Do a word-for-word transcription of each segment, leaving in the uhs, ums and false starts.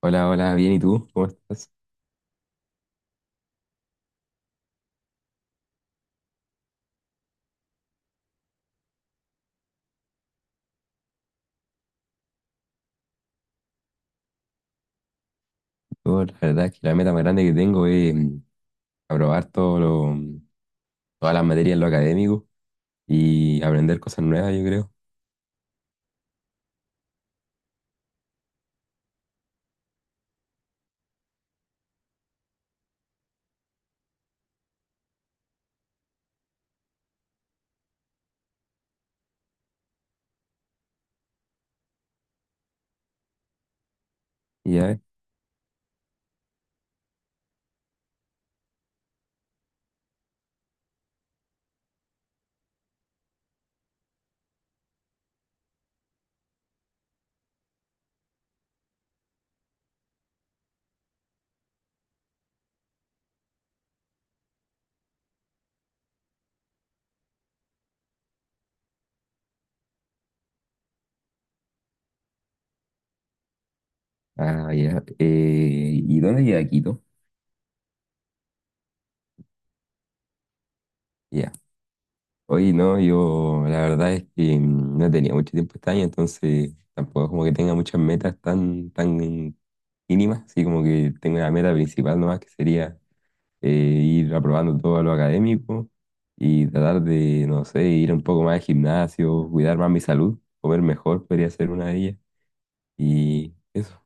Hola, hola, bien, ¿y tú? ¿Cómo estás? Yo, la verdad es que la meta más grande que tengo es mm, aprobar todo lo- mm, todas las materias en lo académico y aprender cosas nuevas, yo creo. Ya, eh. Ah, ya. Eh, ¿y dónde queda Quito? Ya. Hoy no, yo la verdad es que mm, no tenía mucho tiempo este año, entonces tampoco como que tenga muchas metas tan, tan mínimas, así como que tengo una meta principal nomás que sería eh, ir aprobando todo lo académico y tratar de, no sé, ir un poco más al gimnasio, cuidar más mi salud, comer mejor podría ser una de ellas. Y eso.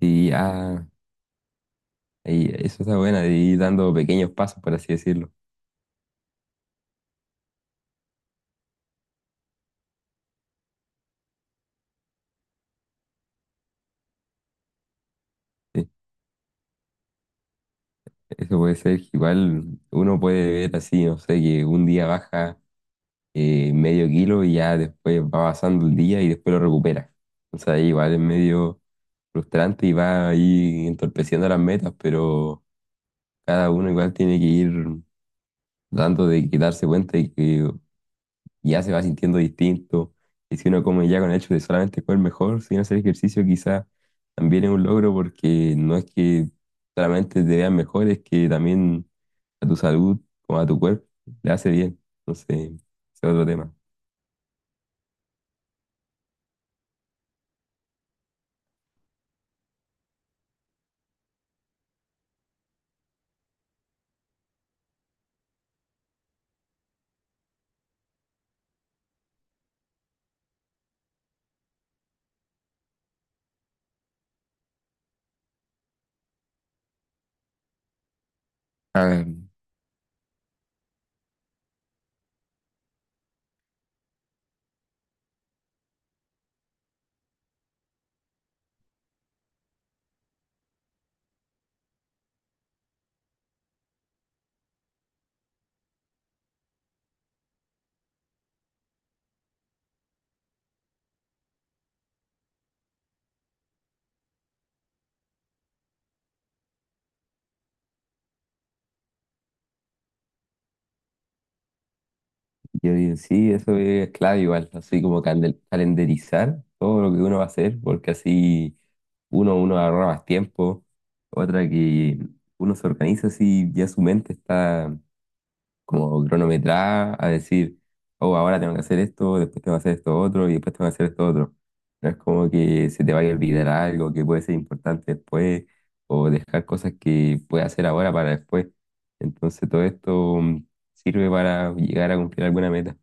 Y, ah, y eso está buena, de ir dando pequeños pasos, por así decirlo. Sí, eso puede ser que igual uno puede ver así, no sé, que un día baja eh, medio kilo y ya después va pasando el día y después lo recupera. O sea, igual es medio frustrante y va ahí entorpeciendo las metas, pero cada uno igual tiene que ir dando de que darse cuenta de que ya se va sintiendo distinto. Y si uno come ya con el hecho de solamente comer mejor, sin hacer ejercicio, quizá también es un logro porque no es que solamente te veas mejor, es que también a tu salud como a tu cuerpo le hace bien. Entonces, ese es otro tema. Ah, yo digo, sí, eso es clave igual, así como candel- calendarizar todo lo que uno va a hacer, porque así uno, uno ahorra más tiempo. Otra que uno se organiza así, ya su mente está como cronometrada a decir, oh, ahora tengo que hacer esto, después tengo que hacer esto otro y después tengo que hacer esto otro. No es como que se te vaya a olvidar algo que puede ser importante después o dejar cosas que puedes hacer ahora para después. Entonces todo esto mm, sirve para llegar a cumplir alguna meta.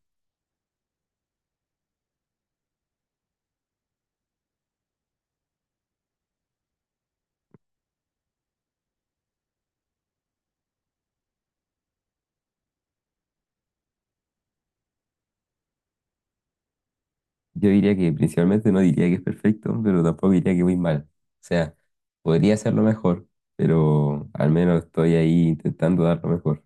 Yo diría que principalmente no diría que es perfecto, pero tampoco diría que voy mal. O sea, podría hacerlo mejor, pero al menos estoy ahí intentando dar lo mejor.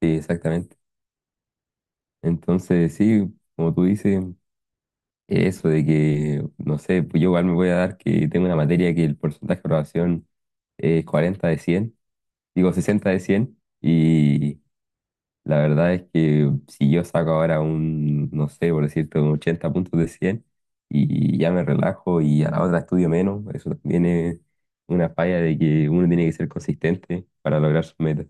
Sí, exactamente. Entonces, sí, como tú dices, eso de que, no sé, pues yo igual me voy a dar que tengo una materia que el porcentaje de aprobación es cuarenta de cien, digo sesenta de cien, y la verdad es que si yo saco ahora un, no sé, por decirte, un ochenta puntos de cien y ya me relajo y a la otra estudio menos, eso también es una falla de que uno tiene que ser consistente para lograr sus metas.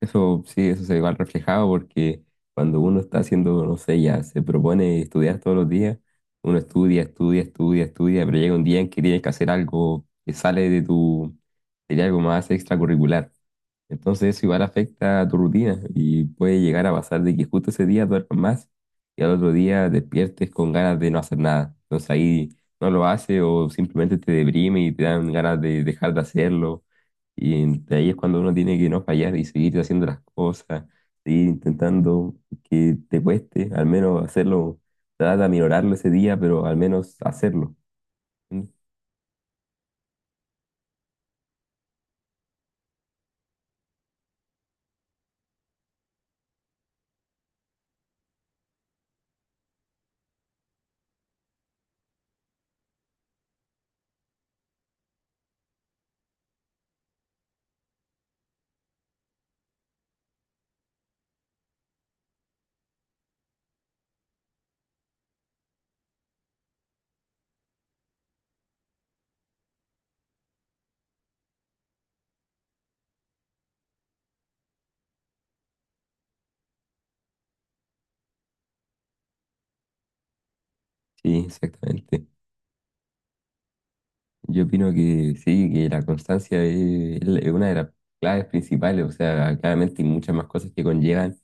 Eso sí, eso se va reflejado porque cuando uno está haciendo, no sé, ya se propone estudiar todos los días, uno estudia, estudia, estudia, estudia, pero llega un día en que tienes que hacer algo que sale de tu, sería algo más extracurricular. Entonces eso igual afecta a tu rutina y puede llegar a pasar de que justo ese día duermas más y al otro día despiertes con ganas de no hacer nada. Entonces ahí no lo haces o simplemente te deprime y te dan ganas de dejar de hacerlo. Y de ahí es cuando uno tiene que no fallar y seguir haciendo las cosas, seguir intentando que te cueste, al menos hacerlo, trata de aminorarlo ese día, pero al menos hacerlo. Sí. Sí, exactamente. Yo opino que sí, que la constancia es, es la- es una de las claves principales, o sea, claramente hay muchas más cosas que conllevan,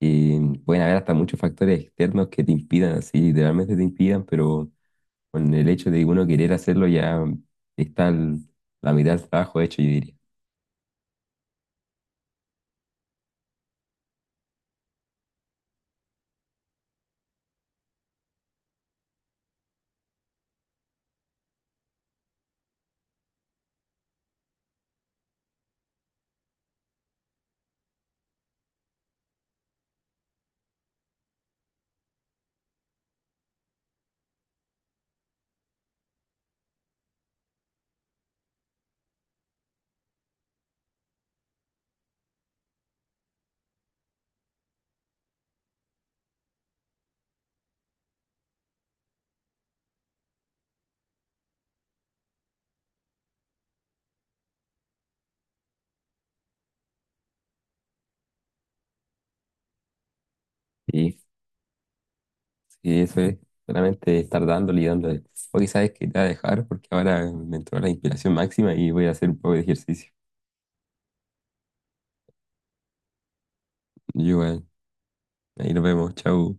y pueden haber hasta muchos factores externos que te impidan, así, literalmente te impidan, pero con el hecho de uno querer hacerlo ya está el- la mitad del trabajo hecho, yo diría. Sí, sí, eso es, solamente estar dándole y dándole. O quizás que te voy a dejar porque ahora me entró la inspiración máxima y voy a hacer un poco de ejercicio. Yo, igual, ahí nos vemos, chao.